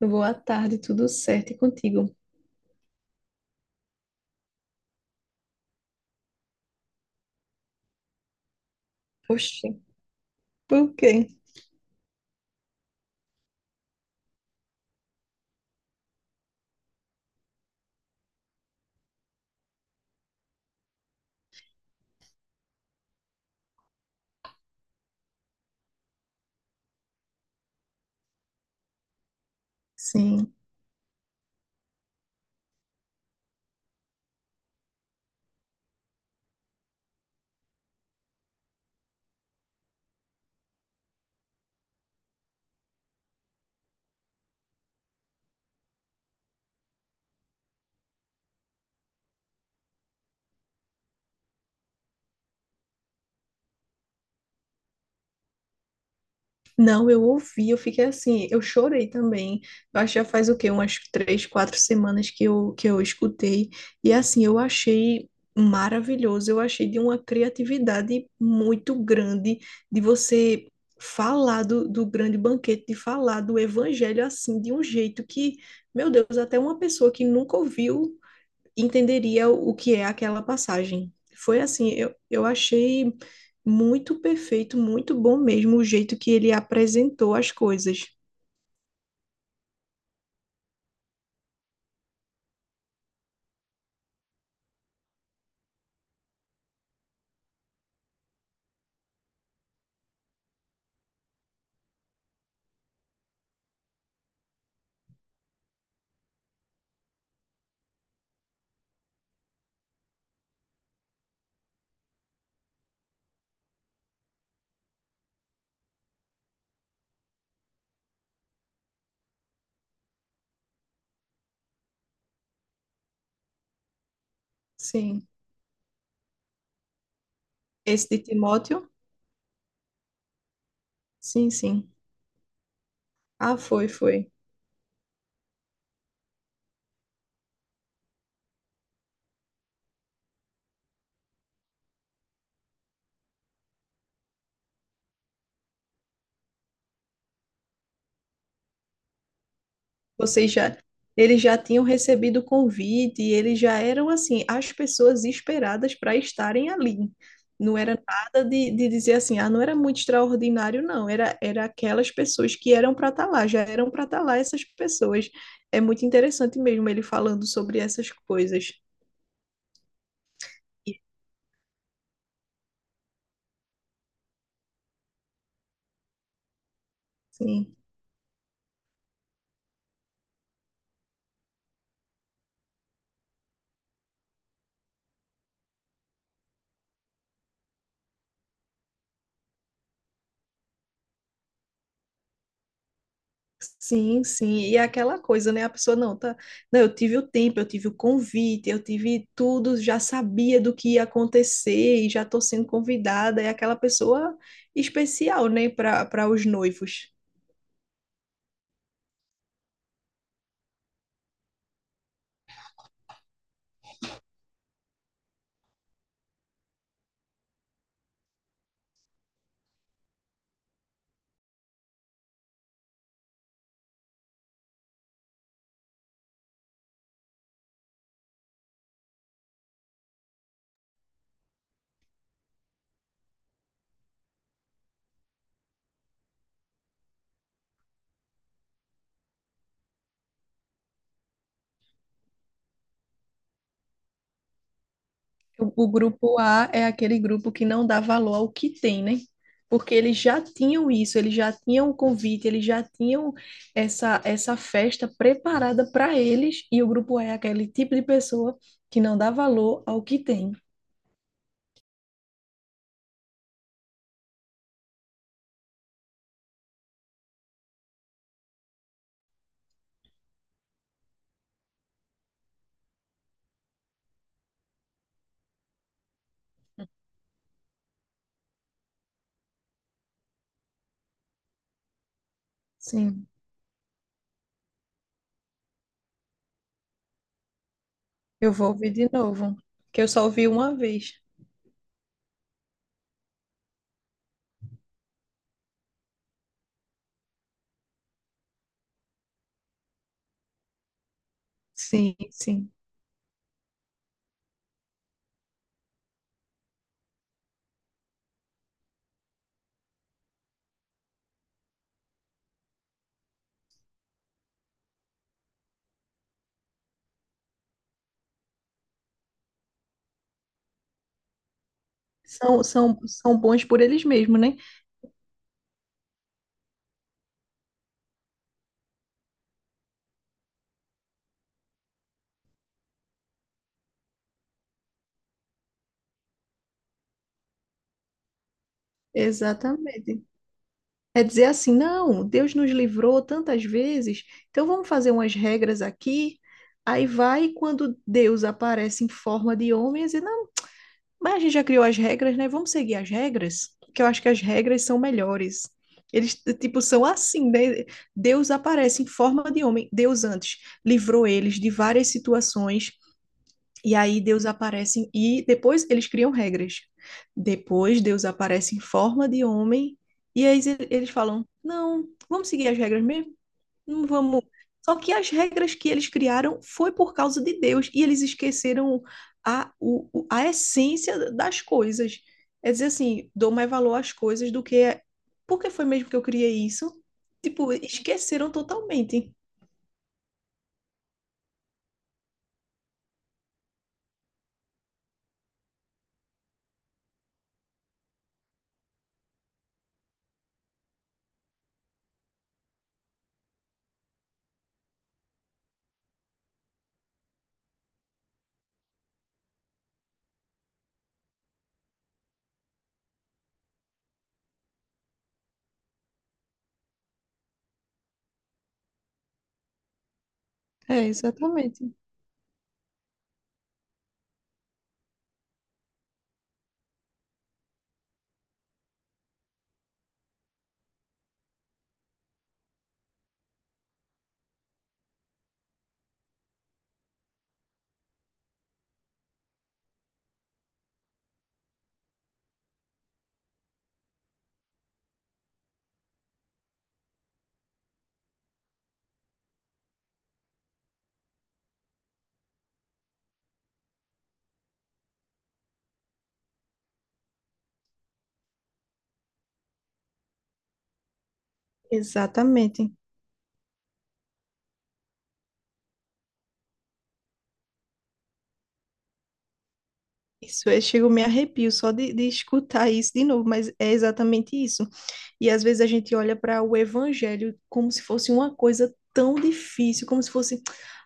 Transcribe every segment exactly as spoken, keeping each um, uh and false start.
Boa tarde, tudo certo e contigo? Oxi, por quê? Sim. Não, eu ouvi, eu fiquei assim, eu chorei também. Eu acho que já faz o quê? Umas três, quatro semanas que eu, que eu escutei. E assim, eu achei maravilhoso, eu achei de uma criatividade muito grande de você falar do, do grande banquete, de falar do evangelho assim, de um jeito que, meu Deus, até uma pessoa que nunca ouviu entenderia o que é aquela passagem. Foi assim, eu, eu achei muito perfeito, muito bom mesmo o jeito que ele apresentou as coisas. Sim. Esse de Timóteo? Sim, sim. Ah, foi, foi. Vocês já, eles já tinham recebido o convite, e eles já eram assim, as pessoas esperadas para estarem ali. Não era nada de, de dizer assim, ah, não era muito extraordinário, não. Era, era aquelas pessoas que eram para estar lá, já eram para estar lá essas pessoas. É muito interessante mesmo ele falando sobre essas coisas. Sim. Sim, sim, e é aquela coisa, né? A pessoa não tá, não, eu tive o tempo, eu tive o convite, eu tive tudo, já sabia do que ia acontecer e já tô sendo convidada, é aquela pessoa especial, né, para para os noivos. O, o grupo A é aquele grupo que não dá valor ao que tem, né? Porque eles já tinham isso, eles já tinham o convite, eles já tinham essa essa festa preparada para eles, e o grupo A é aquele tipo de pessoa que não dá valor ao que tem. Sim. Eu vou ouvir de novo, que eu só ouvi uma vez. Sim, sim. São, são, são bons por eles mesmos, né? Exatamente. É dizer assim, não, Deus nos livrou tantas vezes, então vamos fazer umas regras aqui. Aí vai quando Deus aparece em forma de homem, e diz, não, mas a gente já criou as regras, né? Vamos seguir as regras, porque eu acho que as regras são melhores. Eles, tipo, são assim, né? Deus aparece em forma de homem. Deus antes livrou eles de várias situações. E aí Deus aparece e depois eles criam regras. Depois Deus aparece em forma de homem e aí eles falam: "Não, vamos seguir as regras mesmo". Não vamos. Só que as regras que eles criaram foi por causa de Deus e eles esqueceram a, o, o- a essência das coisas. É dizer assim, dou mais valor às coisas do que. É-" Por que foi mesmo que eu criei isso? Tipo, esqueceram totalmente. É, exatamente. Exatamente. Isso, eu chego, me arrepio só de, de escutar isso de novo, mas é exatamente isso. E às vezes a gente olha para o evangelho como se fosse uma coisa tão difícil, como se fosse,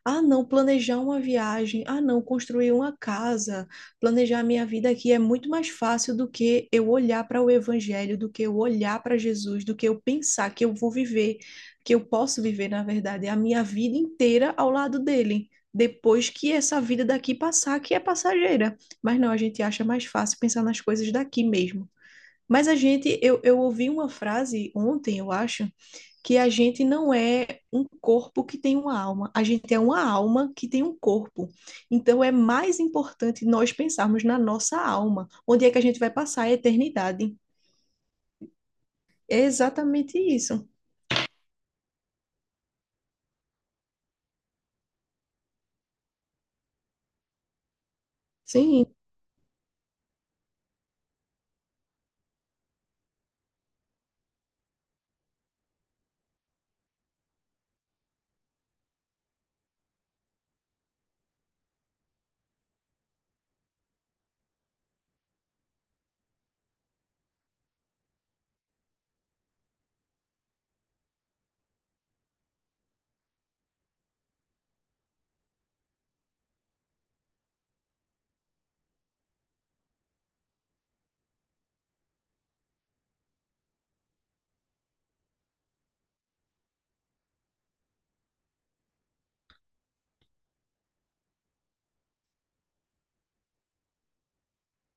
ah, não, planejar uma viagem, ah, não, construir uma casa, planejar a minha vida aqui é muito mais fácil do que eu olhar para o evangelho, do que eu olhar para Jesus, do que eu pensar que eu vou viver, que eu posso viver, na verdade, a minha vida inteira ao lado dele. Depois que essa vida daqui passar, que é passageira. Mas não, a gente acha mais fácil pensar nas coisas daqui mesmo. Mas a gente, eu, eu ouvi uma frase ontem, eu acho, que a gente não é um corpo que tem uma alma, a gente é uma alma que tem um corpo. Então é mais importante nós pensarmos na nossa alma, onde é que a gente vai passar a eternidade. É exatamente isso. Sim,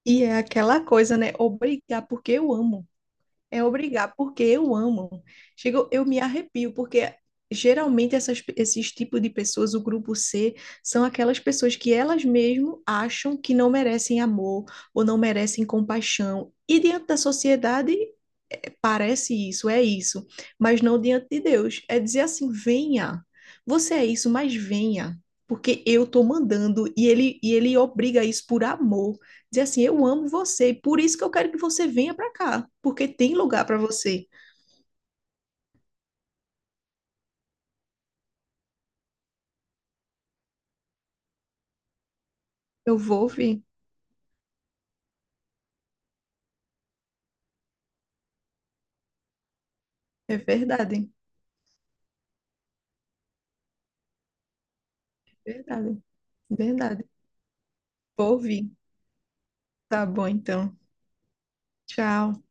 e é aquela coisa, né? Obrigar porque eu amo. É obrigar, porque eu amo. Chego, eu me arrepio, porque geralmente essas, esses tipos de pessoas, o grupo C, são aquelas pessoas que elas mesmo acham que não merecem amor ou não merecem compaixão. E diante da sociedade, parece isso, é isso, mas não diante de Deus. É dizer assim: venha, você é isso, mas venha, porque eu estou mandando e ele, e ele obriga isso por amor. Dizer assim: eu amo você, e por isso que eu quero que você venha para cá, porque tem lugar para você. Eu vou ouvir, é verdade, verdade, verdade. Vou ouvir. Tá bom, então. Tchau.